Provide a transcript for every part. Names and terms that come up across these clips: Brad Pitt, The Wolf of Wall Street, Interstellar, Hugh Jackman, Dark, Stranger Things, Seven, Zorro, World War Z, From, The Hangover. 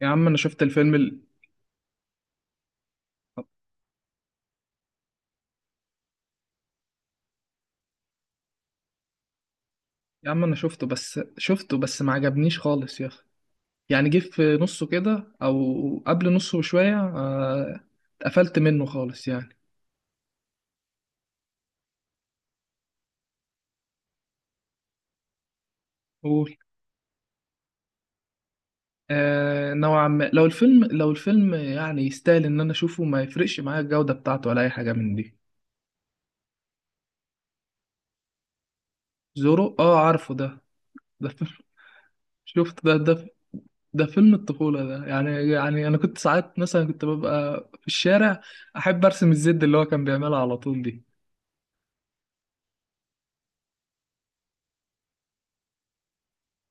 يا عم انا شفت الفيلم. يا عم انا شفته بس ما عجبنيش خالص يا اخي. يعني جه في نصه كده او قبل نصه بشويه، اتقفلت منه خالص يعني. قول. آه نوعا ما، لو الفيلم لو الفيلم يعني يستاهل ان انا اشوفه، ما يفرقش معايا الجودة بتاعته ولا اي حاجة من دي. زورو، اه عارفه ده. ده فيلم. شفت ده ده. ده فيلم الطفولة ده، يعني يعني انا كنت ساعات مثلا كنت ببقى في الشارع احب ارسم الزد اللي هو كان بيعملها على طول دي.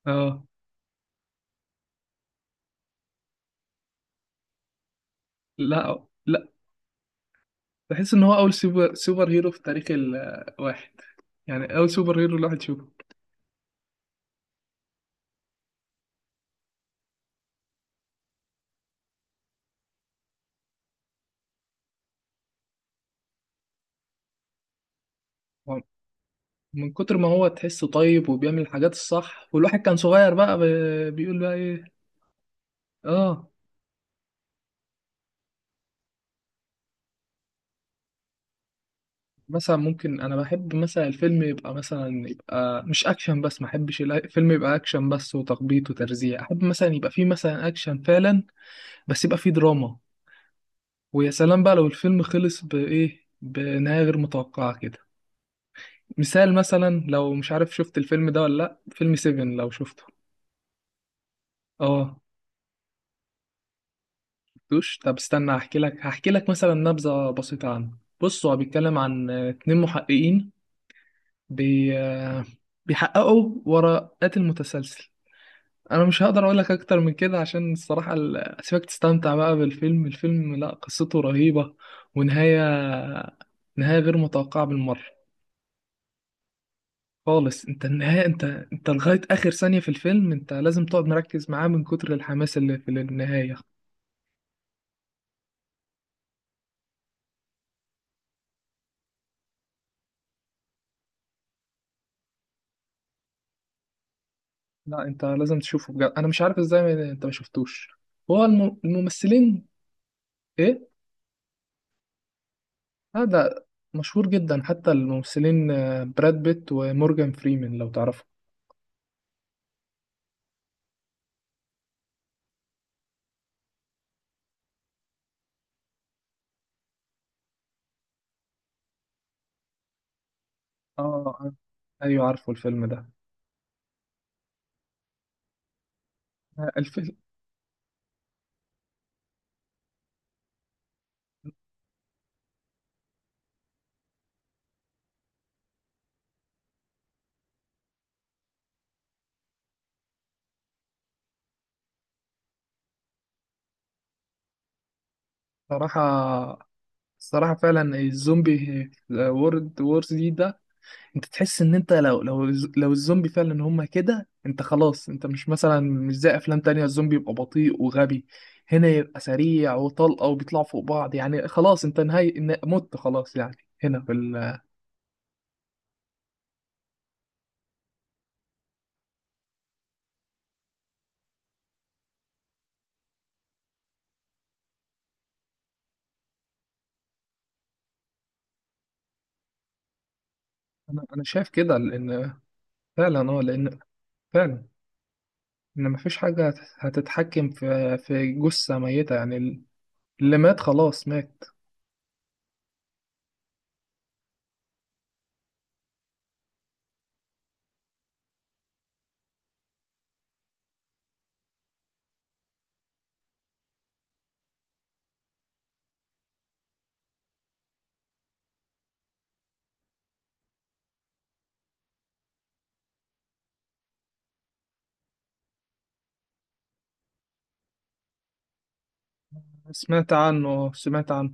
اه. لا، بحس ان هو اول سوبر هيرو في تاريخ الواحد. يعني اول سوبر هيرو الواحد شوفه. هو من كتر ما هو تحسه طيب وبيعمل الحاجات الصح، والواحد كان صغير بقى بيقول بقى ايه. اه. مثلا ممكن انا بحب مثلا الفيلم يبقى مثلا يبقى مش اكشن بس، ما احبش الفيلم يبقى اكشن بس وتخبيط وترزيع، احب مثلا يبقى فيه مثلا اكشن فعلا، بس يبقى فيه دراما. ويا سلام بقى لو الفيلم خلص بايه، بنهاية غير متوقعة كده. مثال مثلا لو مش عارف، شفت الفيلم ده ولا لا؟ فيلم سيفن لو شفته. اه. شفتوش؟ طب استنى هحكي لك، هحكي لك مثلا نبذة بسيطة عنه. بص، هو بيتكلم عن اتنين محققين. بي... آه، بيحققوا ورا قاتل متسلسل. انا مش هقدر اقول لك اكتر من كده، عشان الصراحة اسيبك تستمتع بقى بالفيلم. الفيلم لا، قصته رهيبة. ونهاية غير متوقعة بالمرة. خالص انت النهاية، انت انت لغاية آخر ثانية في الفيلم انت لازم تقعد مركز معاه من كتر الحماس اللي في النهاية. لا، انت لازم تشوفه بجد. انا مش عارف ازاي انت ما شفتوش. هو الممثلين. ايه هذا، مشهور جدا. حتى الممثلين، براد بيت ومورجان فريمان، لو تعرفه. اه ايوه، عارفه الفيلم ده. الفيلم صراحة. الصراحة فعلا الزومبي، وورد وورز دي ده، انت تحس ان انت لو الزومبي فعلا هما كده، انت خلاص، انت مش مثلا مش زي افلام تانية الزومبي يبقى بطيء وغبي. هنا يبقى سريع وطلقة وبيطلعوا فوق بعض، يعني خلاص انت نهاية مت خلاص يعني. هنا. انا شايف كده، لان فعلا اه، لان فعلا ان مفيش حاجة هتتحكم في في جثة ميتة يعني. اللي مات خلاص مات. سمعت عنه، سمعت عنه.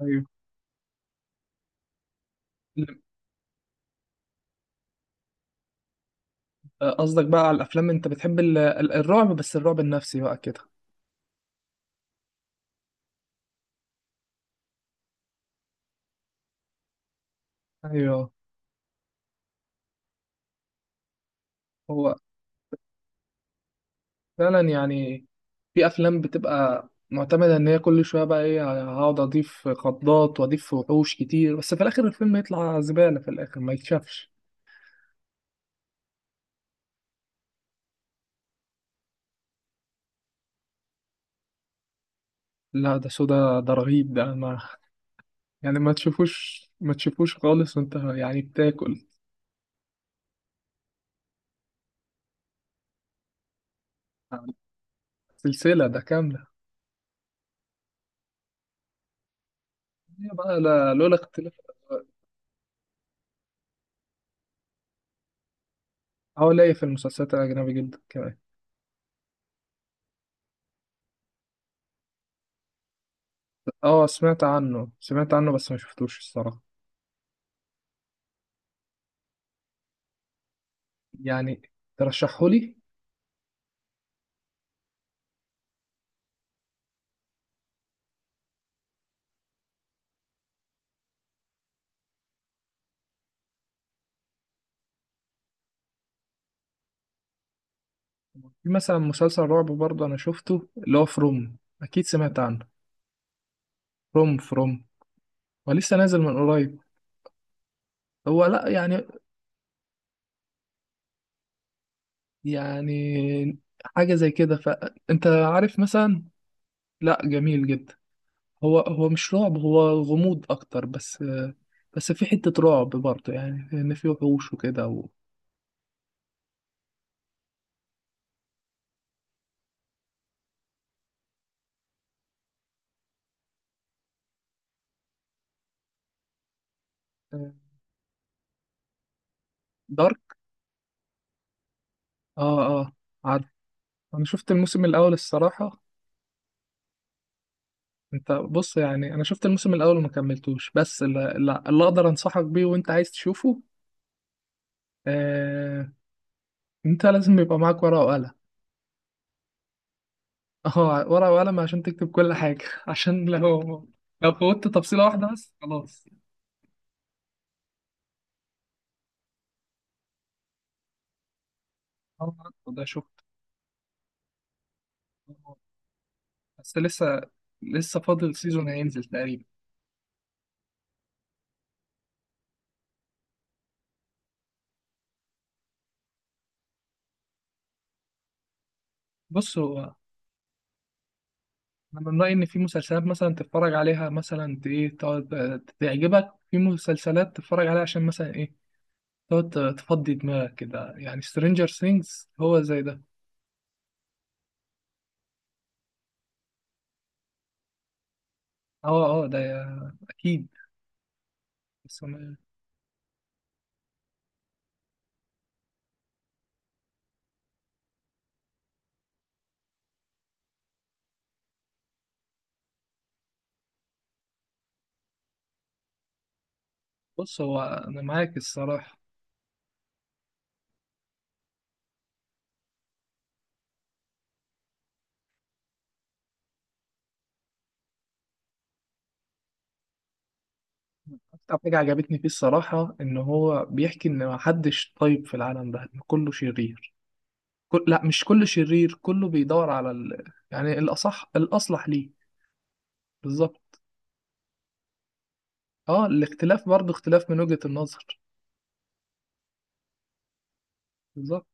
ايوه. قصدك بقى على الافلام انت بتحب الرعب، بس الرعب النفسي بقى كده. ايوه. هو فعلا يعني، في افلام بتبقى معتمده ان هي كل شويه بقى ايه، هقعد اضيف خضات واضيف وحوش كتير، بس في الاخر الفيلم يطلع زباله، في الاخر ما يتشافش. لا ده سودا ده رهيب، ده ما يعني ما تشوفوش، ما تشوفوش خالص وانت يعني بتاكل. سلسله ده كامله. هي بقى لولا اختلاف. اه ليا في المسلسلات الاجنبي جدا كمان. اه سمعت عنه، سمعت عنه، بس ما شفتوش الصراحه. يعني ترشحهولي. في مثلا مسلسل رعب برضه انا شفته، اللي هو فروم. اكيد سمعت عنه. فروم، ولسه نازل من قريب. هو لا يعني. يعني حاجة زي كده، فانت عارف مثلا. لا جميل جدا. هو مش رعب، هو غموض اكتر بس. بس في حتة رعب برضه يعني، ان في وحوش وكده و... دارك. اه اه، عارف. انا شفت الموسم الاول الصراحة. انت بص، يعني انا شفت الموسم الاول وما كملتوش، بس اللي, اللي اقدر انصحك بيه وانت عايز تشوفه، آه، انت لازم يبقى معاك ورقة وقلم. اه ورقة وقلم عشان تكتب كل حاجة عشان لو، لو فوتت تفصيلة واحدة بس خلاص. اه عارفه ده، شفت. بس لسه، لسه فاضل سيزون هينزل تقريبا. بص هو انا من رأيي ان في مسلسلات مثلا تتفرج عليها مثلا ايه تقعد تعجبك، في مسلسلات تتفرج عليها عشان مثلا ايه تقعد تفضي دماغك كده، يعني سترينجر ثينجز هو زي ده. اه اه ده اكيد. بس بص هو انا معاك الصراحة. أكتر حاجة عجبتني فيه الصراحة إن هو بيحكي إن محدش طيب في العالم ده، إن كله شرير. لا مش كله شرير، كله بيدور على يعني الأصح الأصلح ليه. بالظبط. أه الاختلاف برضه اختلاف من وجهة النظر. بالظبط.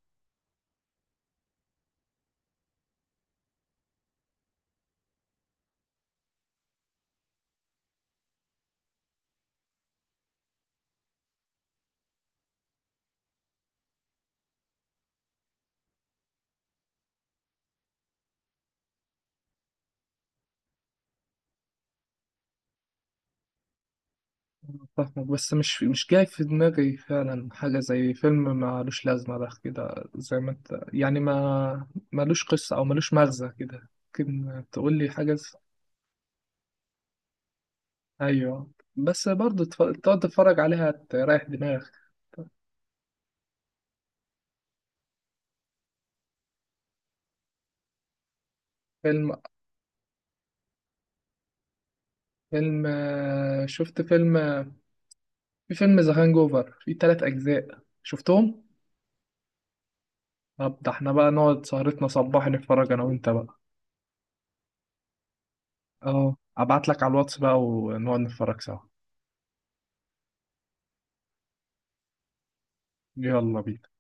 فاهمك، بس مش مش جاي في دماغي فعلا حاجة زي فيلم مالوش لازمة ده كده زي ما أنت يعني، ما مالوش قصة أو مالوش مغزى كده. ممكن تقول لي حاجة أيوه، بس برضه تقعد تتفرج عليها تريح دماغك. فيلم، فيلم شفت فيلم، في فيلم ذا هانج اوفر، في تلات اجزاء شفتهم. طب ده احنا بقى نقعد سهرتنا صباح نتفرج انا وانت بقى. اه ابعت لك على الواتس بقى ونقعد نتفرج سوا. يلا بينا.